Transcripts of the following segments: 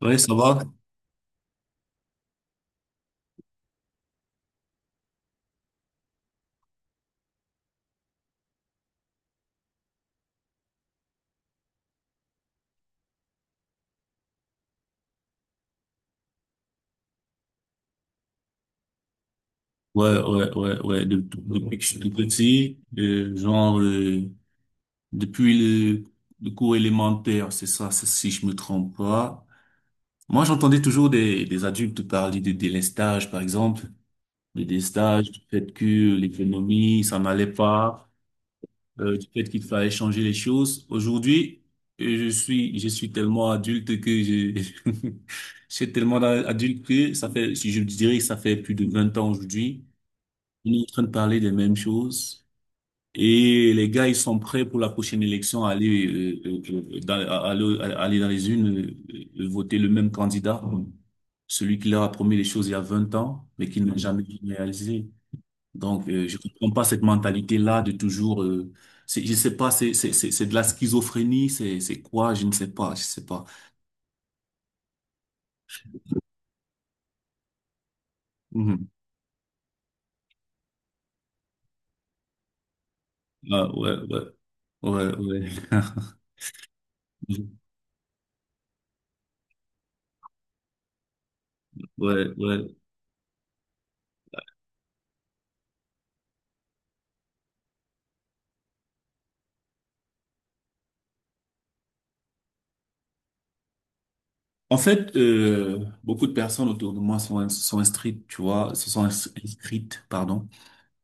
Ouais, ça va? Ouais, ouais, ouais, ouais. Depuis que je suis tout petit, genre, depuis le cours élémentaire, c'est ça, si je me trompe pas. Moi, j'entendais toujours des adultes parler de délestage, par exemple, de délestage, du fait que l'économie, ça n'allait pas, du fait qu'il fallait changer les choses. Aujourd'hui, je suis tellement adulte que je, je suis tellement adulte que ça fait, si je dirais que ça fait plus de 20 ans aujourd'hui. On est en train de parler des mêmes choses. Et les gars, ils sont prêts pour la prochaine élection à aller, dans, à aller dans les urnes, voter le même candidat, celui qui leur a promis les choses il y a 20 ans, mais qui ne l'a jamais réalisé. Donc, je comprends pas cette mentalité-là de toujours, c'est, je sais pas, c'est de la schizophrénie, c'est quoi, je ne sais pas, je sais pas. Mhm. Ah, ouais, ouais, ouais, ouais. Ouais, ouais. En fait, beaucoup de personnes autour de moi sont inscrites, tu vois, inscrites, pardon,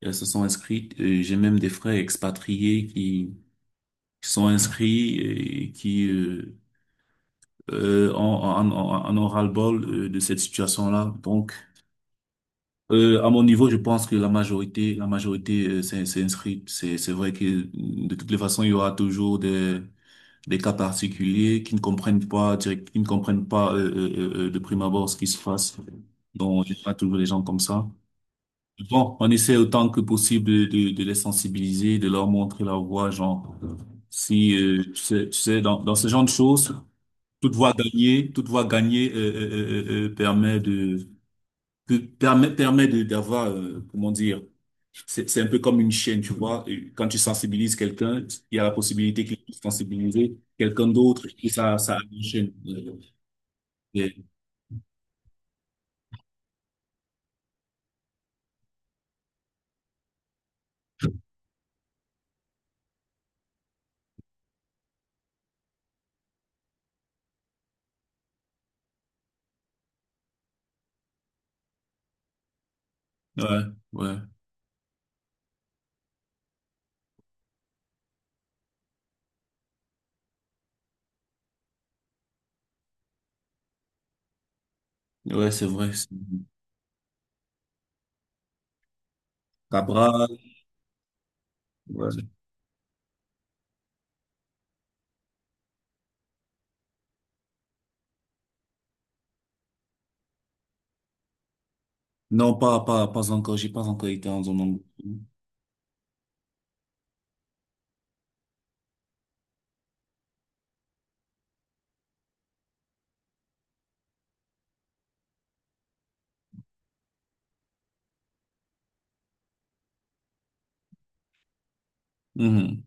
elles se sont inscrites. J'ai même des frères expatriés qui sont inscrits et qui en ont ras-le-bol de cette situation-là. Donc, à mon niveau, je pense que la majorité s'est inscrite. C'est vrai que de toutes les façons, il y aura toujours des cas particuliers qui ne comprennent pas direct, qui ne comprennent pas de prime abord ce qui se passe. Donc, j'ai pas toujours les gens comme ça. Bon, on essaie autant que possible de les sensibiliser, de leur montrer la voie, genre, si, tu sais, dans ce genre de choses, toute voie gagnée permet de, permet de, d'avoir, comment dire, c'est un peu comme une chaîne, tu vois. Et quand tu sensibilises quelqu'un, il y a la possibilité qu'il puisse sensibiliser quelqu'un d'autre et ça a une chaîne. Et- Ouais, ouais, ouais, c'est vrai. Cabral, ouais. Non, pas, pas, pas encore. J'ai pas encore été en zone. Mhm.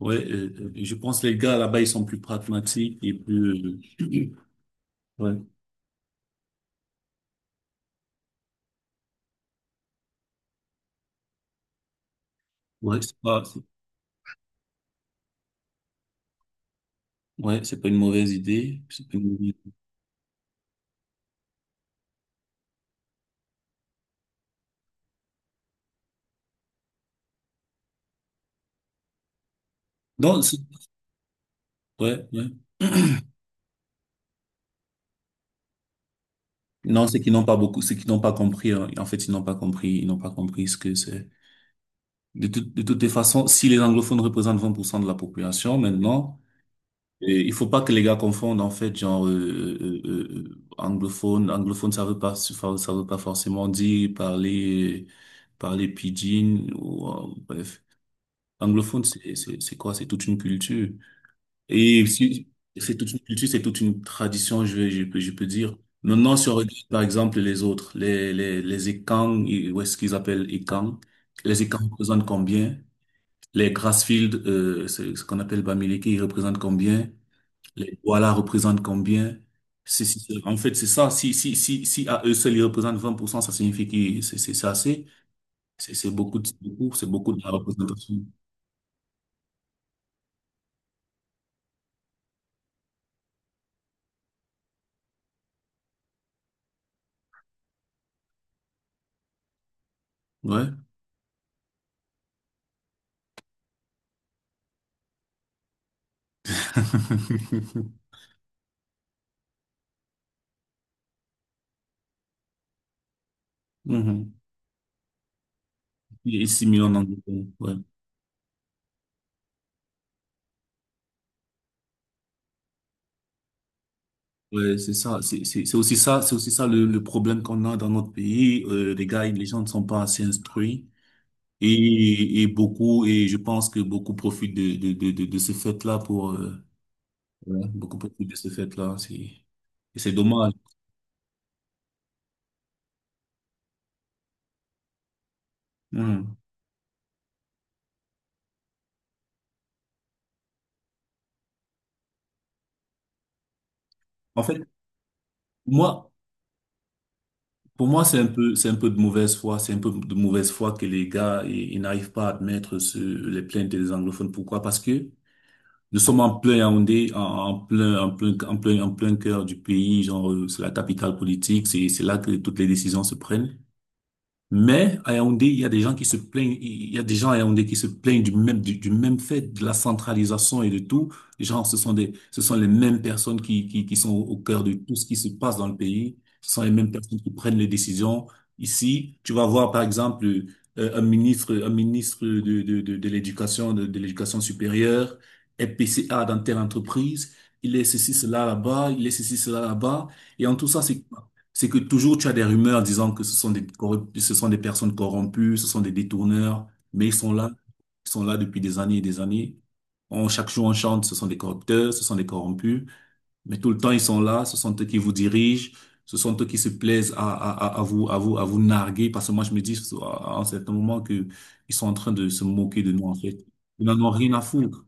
Ouais, je pense que les gars là-bas, ils sont plus pragmatiques et plus, ouais, ouais, c'est pas, ouais, c'est pas une mauvaise idée. C'est pas une mauvaise idée. Non, ouais, ouais. Non, c'est qu'ils n'ont pas beaucoup, c'est qu'ils n'ont pas compris, hein. En fait, ils n'ont pas compris, ils n'ont pas compris ce que c'est. De toutes les façons, si les anglophones représentent 20% de la population maintenant, et il faut pas que les gars confondent en fait genre anglophone, anglophone ça veut pas ça ça veut pas forcément dire parler parler pidgin ou bref. Anglophone c'est quoi? C'est toute une culture. Et si- c'est toute une culture, c'est toute une tradition, je peux dire. Maintenant, si on regarde, par exemple, les autres, les Ekang, ou est-ce qu'ils appellent Ekang? Les Ekang représentent combien? Les Grassfield, c'est ce qu'on appelle Bamileke, ils représentent combien? Les Douala représentent combien? C'est, en fait, c'est ça. Si à eux seuls, ils représentent 20%, ça signifie que c'est, c'est assez. C'est, c'est beaucoup de la représentation. Ouais. Mhm. Il est assimilé en Angleterre. Ouais. Ouais, c'est ça. C'est aussi ça, c'est aussi ça le problème qu'on a dans notre pays. Les gars, les gens ne sont pas assez instruits. Et je pense que beaucoup profitent de ce fait-là pour, ouais, beaucoup profitent de ce fait-là. C'est, et c'est dommage. Hmm. En fait, moi, pour moi, c'est un peu de mauvaise foi. C'est un peu de mauvaise foi que les gars, ils n'arrivent pas à admettre ce, les plaintes des anglophones. Pourquoi? Parce que nous sommes en plein Yaoundé, en plein cœur du pays, genre, c'est la capitale politique, c'est là que toutes les décisions se prennent. Mais à Yaoundé, il y a des gens qui se plaignent, il y a des gens à Yaoundé qui se plaignent du même fait, de la centralisation et de tout. Genre, ce sont les mêmes personnes qui sont au cœur de tout ce qui se passe dans le pays. Ce sont les mêmes personnes qui prennent les décisions. Ici, tu vas voir, par exemple, un ministre de l'éducation, de l'éducation supérieure, est PCA dans telle entreprise. Il est ceci, cela là-bas, il est ceci, cela là-bas. Et en tout ça, c'est que toujours tu as des rumeurs disant que ce sont des personnes corrompues, ce sont des détourneurs, mais ils sont là depuis des années et des années. On, chaque jour on chante, ce sont des corrupteurs, ce sont des corrompus, mais tout le temps ils sont là, ce sont eux qui vous dirigent, ce sont eux qui se plaisent à vous, à vous narguer, parce que moi je me dis à un certain moment que ils sont en train de se moquer de nous en fait. Ils n'en ont rien à foutre.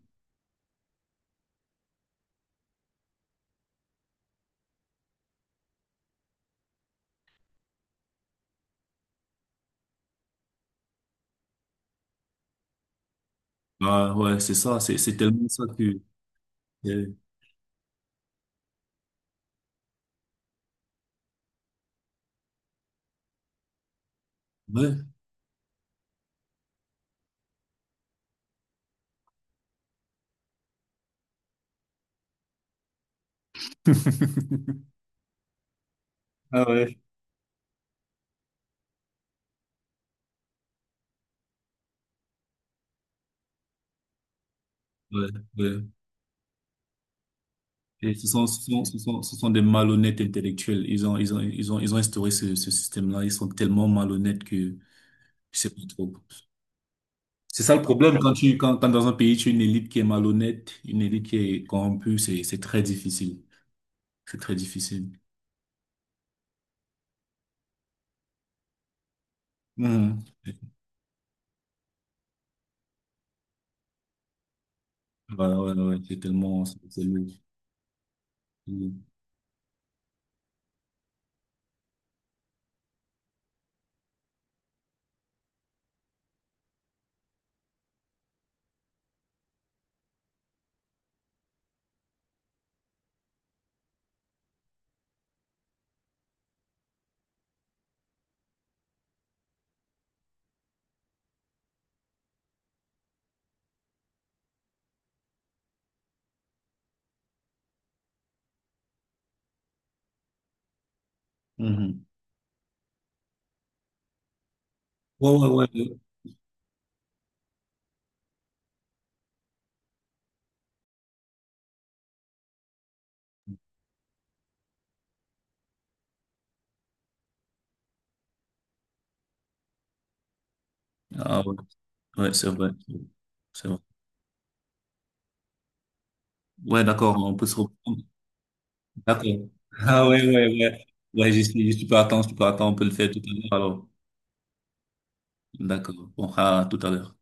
Ah ouais, c'est ça, c'est tellement ça que euh, ouais. Ah ouais. Ouais, ouais. Et ce sont des malhonnêtes intellectuels. Ils ont instauré ce, ce système-là. Ils sont tellement malhonnêtes que je sais pas trop. C'est ça le problème quand tu, quand dans un pays, tu as une élite qui est malhonnête, une élite qui est corrompue, c'est très difficile. C'est très difficile. Mhm. Voilà, ouais, ouais, ouais. C'est tellement, c'est lourd. Mhm. Ouais, ouais, ouais. Ah, ouais. Ouais, c'est vrai. C'est vrai. Ouais, d'accord, on peut se reprendre. D'accord. Ah ouais, ouais, ouais. Ouais, j'y suis pas attendre, je peux attendre, on peut le faire tout à l'heure alors. D'accord. On fera tout à l'heure.